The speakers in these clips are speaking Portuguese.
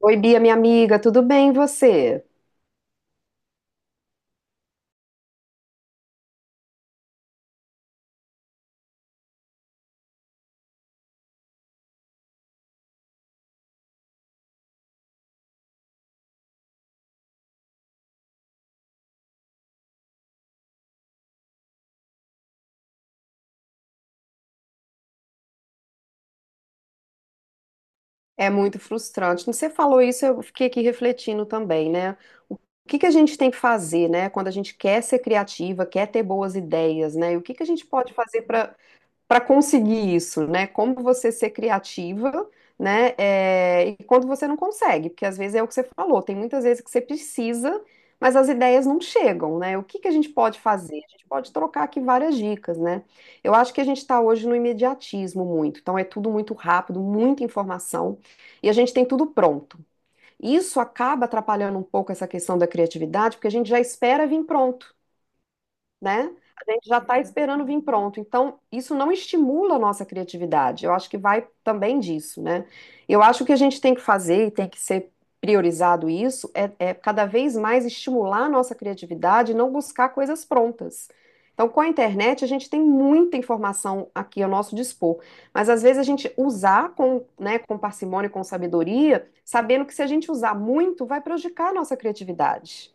Oi, Bia, minha amiga, tudo bem e você? É muito frustrante. Quando você falou isso, eu fiquei aqui refletindo também, né? O que a gente tem que fazer, né? Quando a gente quer ser criativa, quer ter boas ideias, né? E o que a gente pode fazer para conseguir isso, né? Como você ser criativa, né? É, e quando você não consegue, porque às vezes é o que você falou, tem muitas vezes que você precisa, mas as ideias não chegam, né? O que a gente pode fazer? A gente pode trocar aqui várias dicas, né? Eu acho que a gente está hoje no imediatismo muito, então é tudo muito rápido, muita informação, e a gente tem tudo pronto. Isso acaba atrapalhando um pouco essa questão da criatividade, porque a gente já espera vir pronto, né? A gente já está esperando vir pronto. Então, isso não estimula a nossa criatividade. Eu acho que vai também disso, né? Eu acho que a gente tem que fazer e tem que ser priorizado isso é cada vez mais estimular a nossa criatividade e não buscar coisas prontas. Então, com a internet, a gente tem muita informação aqui ao nosso dispor, mas às vezes a gente usar com, né, com parcimônia, e com sabedoria, sabendo que se a gente usar muito, vai prejudicar a nossa criatividade.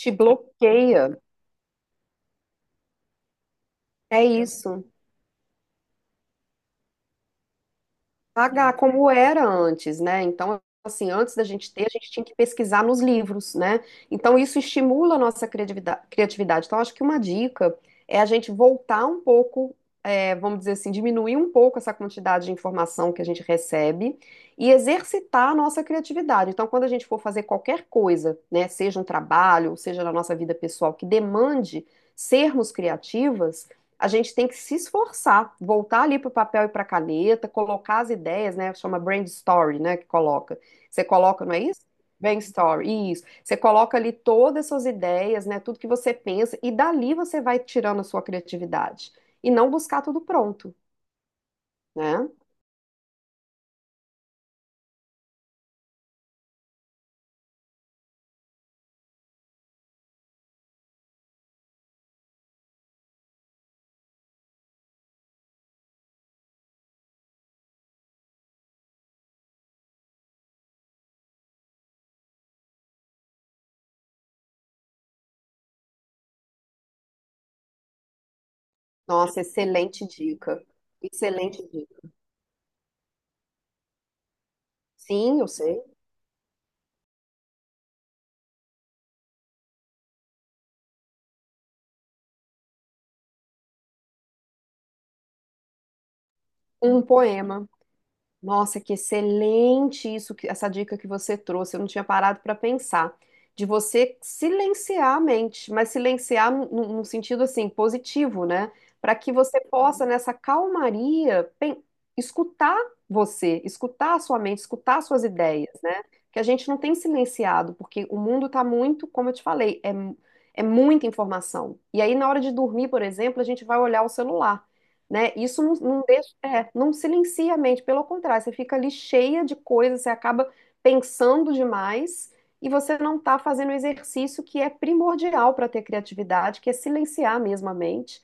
Te bloqueia. É isso. Pagar como era antes, né? Então, assim, antes da gente ter, a gente tinha que pesquisar nos livros, né? Então, isso estimula a nossa criatividade. Então, acho que uma dica é a gente voltar um pouco, é, vamos dizer assim, diminuir um pouco essa quantidade de informação que a gente recebe e exercitar a nossa criatividade. Então, quando a gente for fazer qualquer coisa, né, seja um trabalho, seja na nossa vida pessoal, que demande sermos criativas, a gente tem que se esforçar, voltar ali para o papel e para a caneta, colocar as ideias, né? Chama brain story, né? Que coloca. Você coloca, não é isso? Brain story, isso. Você coloca ali todas as suas ideias, né? Tudo que você pensa, e dali você vai tirando a sua criatividade. E não buscar tudo pronto, né? Nossa, excelente dica. Excelente dica. Sim, eu sei. Um poema. Nossa, que excelente isso, essa dica que você trouxe. Eu não tinha parado para pensar. De você silenciar a mente, mas silenciar num sentido assim positivo, né? Para que você possa, nessa calmaria, escutar você, escutar a sua mente, escutar as suas ideias, né? Que a gente não tem silenciado, porque o mundo está muito, como eu te falei, é, é muita informação. E aí, na hora de dormir, por exemplo, a gente vai olhar o celular, né? Isso não é, não silencia a mente, pelo contrário, você fica ali cheia de coisas, você acaba pensando demais e você não está fazendo o exercício que é primordial para ter criatividade, que é silenciar mesmo a mente,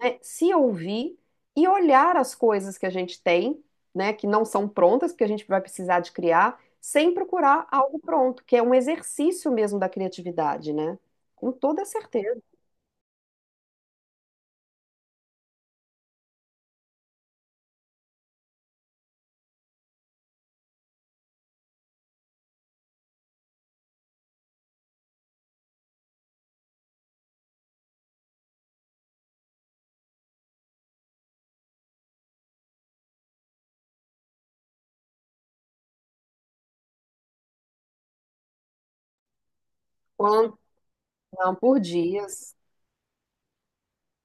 né? Se ouvir e olhar as coisas que a gente tem, né, que não são prontas, porque a gente vai precisar de criar, sem procurar algo pronto, que é um exercício mesmo da criatividade, né? Com toda certeza. Quanto? Não, por dias.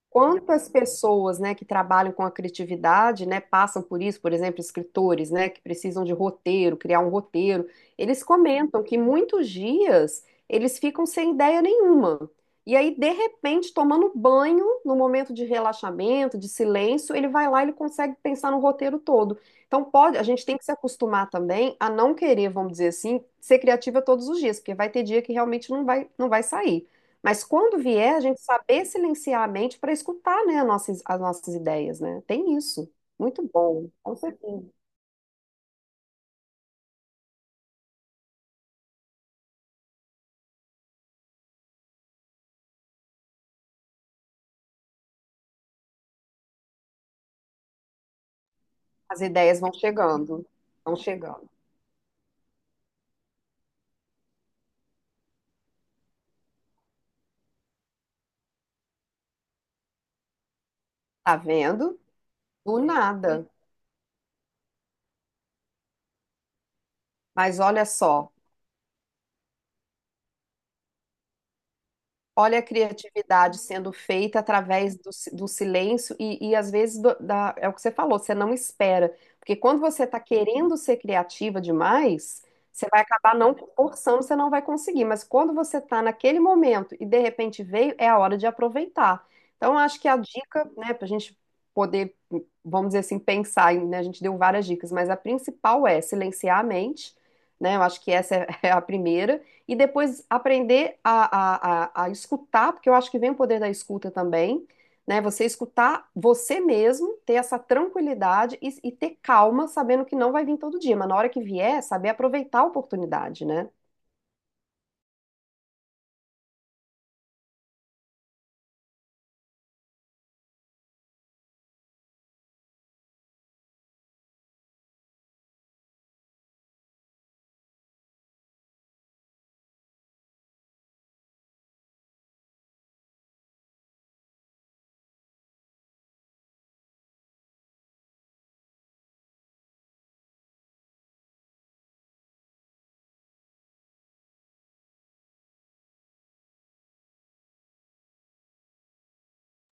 Quantas pessoas, né, que trabalham com a criatividade, né, passam por isso, por exemplo, escritores, né, que precisam de roteiro, criar um roteiro, eles comentam que muitos dias eles ficam sem ideia nenhuma. E aí, de repente, tomando banho, no momento de relaxamento, de silêncio, ele vai lá e ele consegue pensar no roteiro todo. Então, pode, a gente tem que se acostumar também a não querer, vamos dizer assim, ser criativa todos os dias, porque vai ter dia que realmente não vai sair. Mas quando vier, a gente saber silenciar a mente para escutar, né, as as nossas ideias, né? Tem isso. Muito bom, com certeza. As ideias vão chegando, vão chegando. Tá vendo? Do nada. Mas olha só. Olha a criatividade sendo feita através do, do silêncio e às vezes é o que você falou, você não espera. Porque quando você está querendo ser criativa demais, você vai acabar não forçando, você não vai conseguir. Mas quando você está naquele momento e de repente veio, é a hora de aproveitar. Então, acho que a dica, né, para a gente poder, vamos dizer assim, pensar, né, a gente deu várias dicas, mas a principal é silenciar a mente, né? Eu acho que essa é é a primeira e depois aprender a escutar, porque eu acho que vem o poder da escuta também, né? Você escutar você mesmo, ter essa tranquilidade e ter calma, sabendo que não vai vir todo dia, mas na hora que vier, saber aproveitar a oportunidade, né?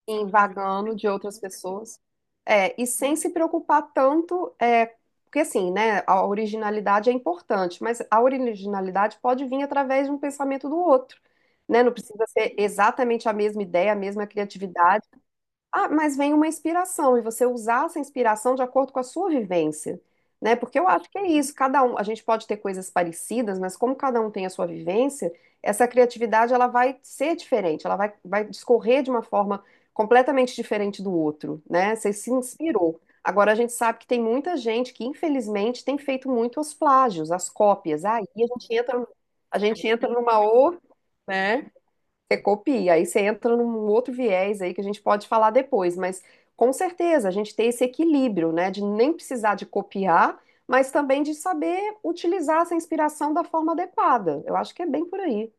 Invagando de outras pessoas. É, e sem se preocupar tanto, é, porque assim, né, a originalidade é importante, mas a originalidade pode vir através de um pensamento do outro, né? Não precisa ser exatamente a mesma ideia, a mesma criatividade. Ah, mas vem uma inspiração e você usar essa inspiração de acordo com a sua vivência, né? Porque eu acho que é isso, cada um, a gente pode ter coisas parecidas, mas como cada um tem a sua vivência, essa criatividade ela vai ser diferente, ela vai, vai discorrer de uma forma completamente diferente do outro, né? Você se inspirou. Agora a gente sabe que tem muita gente que infelizmente tem feito muito os plágios, as cópias. Aí a gente entra numa outra, né? Você copia, aí você entra num outro viés aí que a gente pode falar depois, mas com certeza a gente tem esse equilíbrio, né, de nem precisar de copiar, mas também de saber utilizar essa inspiração da forma adequada. Eu acho que é bem por aí.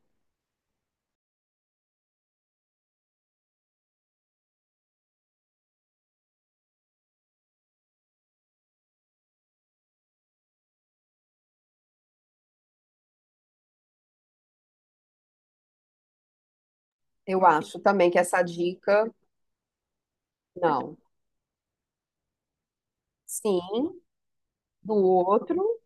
Eu acho também que essa dica, não, sim, do outro.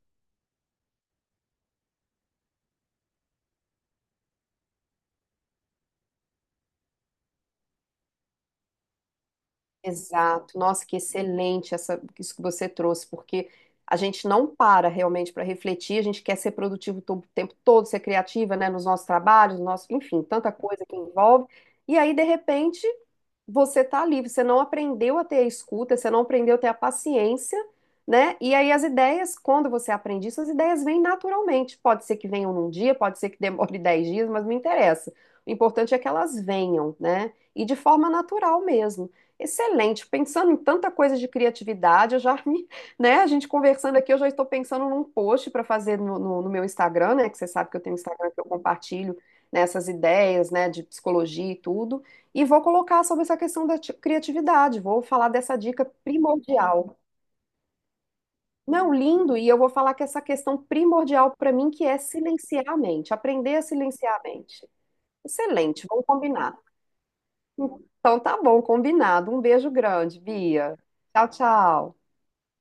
Exato. Nossa, que excelente essa, isso que você trouxe, porque a gente não para realmente para refletir, a gente quer ser produtivo o tempo todo, ser criativa, né, nos nossos trabalhos, no nosso, enfim, tanta coisa que envolve. E aí, de repente, você tá ali, você não aprendeu a ter a escuta, você não aprendeu a ter a paciência, né? E aí as ideias, quando você aprende isso, as ideias vêm naturalmente. Pode ser que venham num dia, pode ser que demore 10 dias, mas não interessa. O importante é que elas venham, né? E de forma natural mesmo. Excelente. Pensando em tanta coisa de criatividade, eu já me, né? A gente conversando aqui, eu já estou pensando num post para fazer no meu Instagram, né? Que você sabe que eu tenho um Instagram que eu compartilho nessas ideias, né? De psicologia e tudo. E vou colocar sobre essa questão da criatividade, vou falar dessa dica primordial. Não, lindo, e eu vou falar que essa questão primordial para mim que é silenciar a mente, aprender a silenciar a mente. Excelente, vamos combinar. Então tá bom, combinado. Um beijo grande, Bia. Tchau, tchau.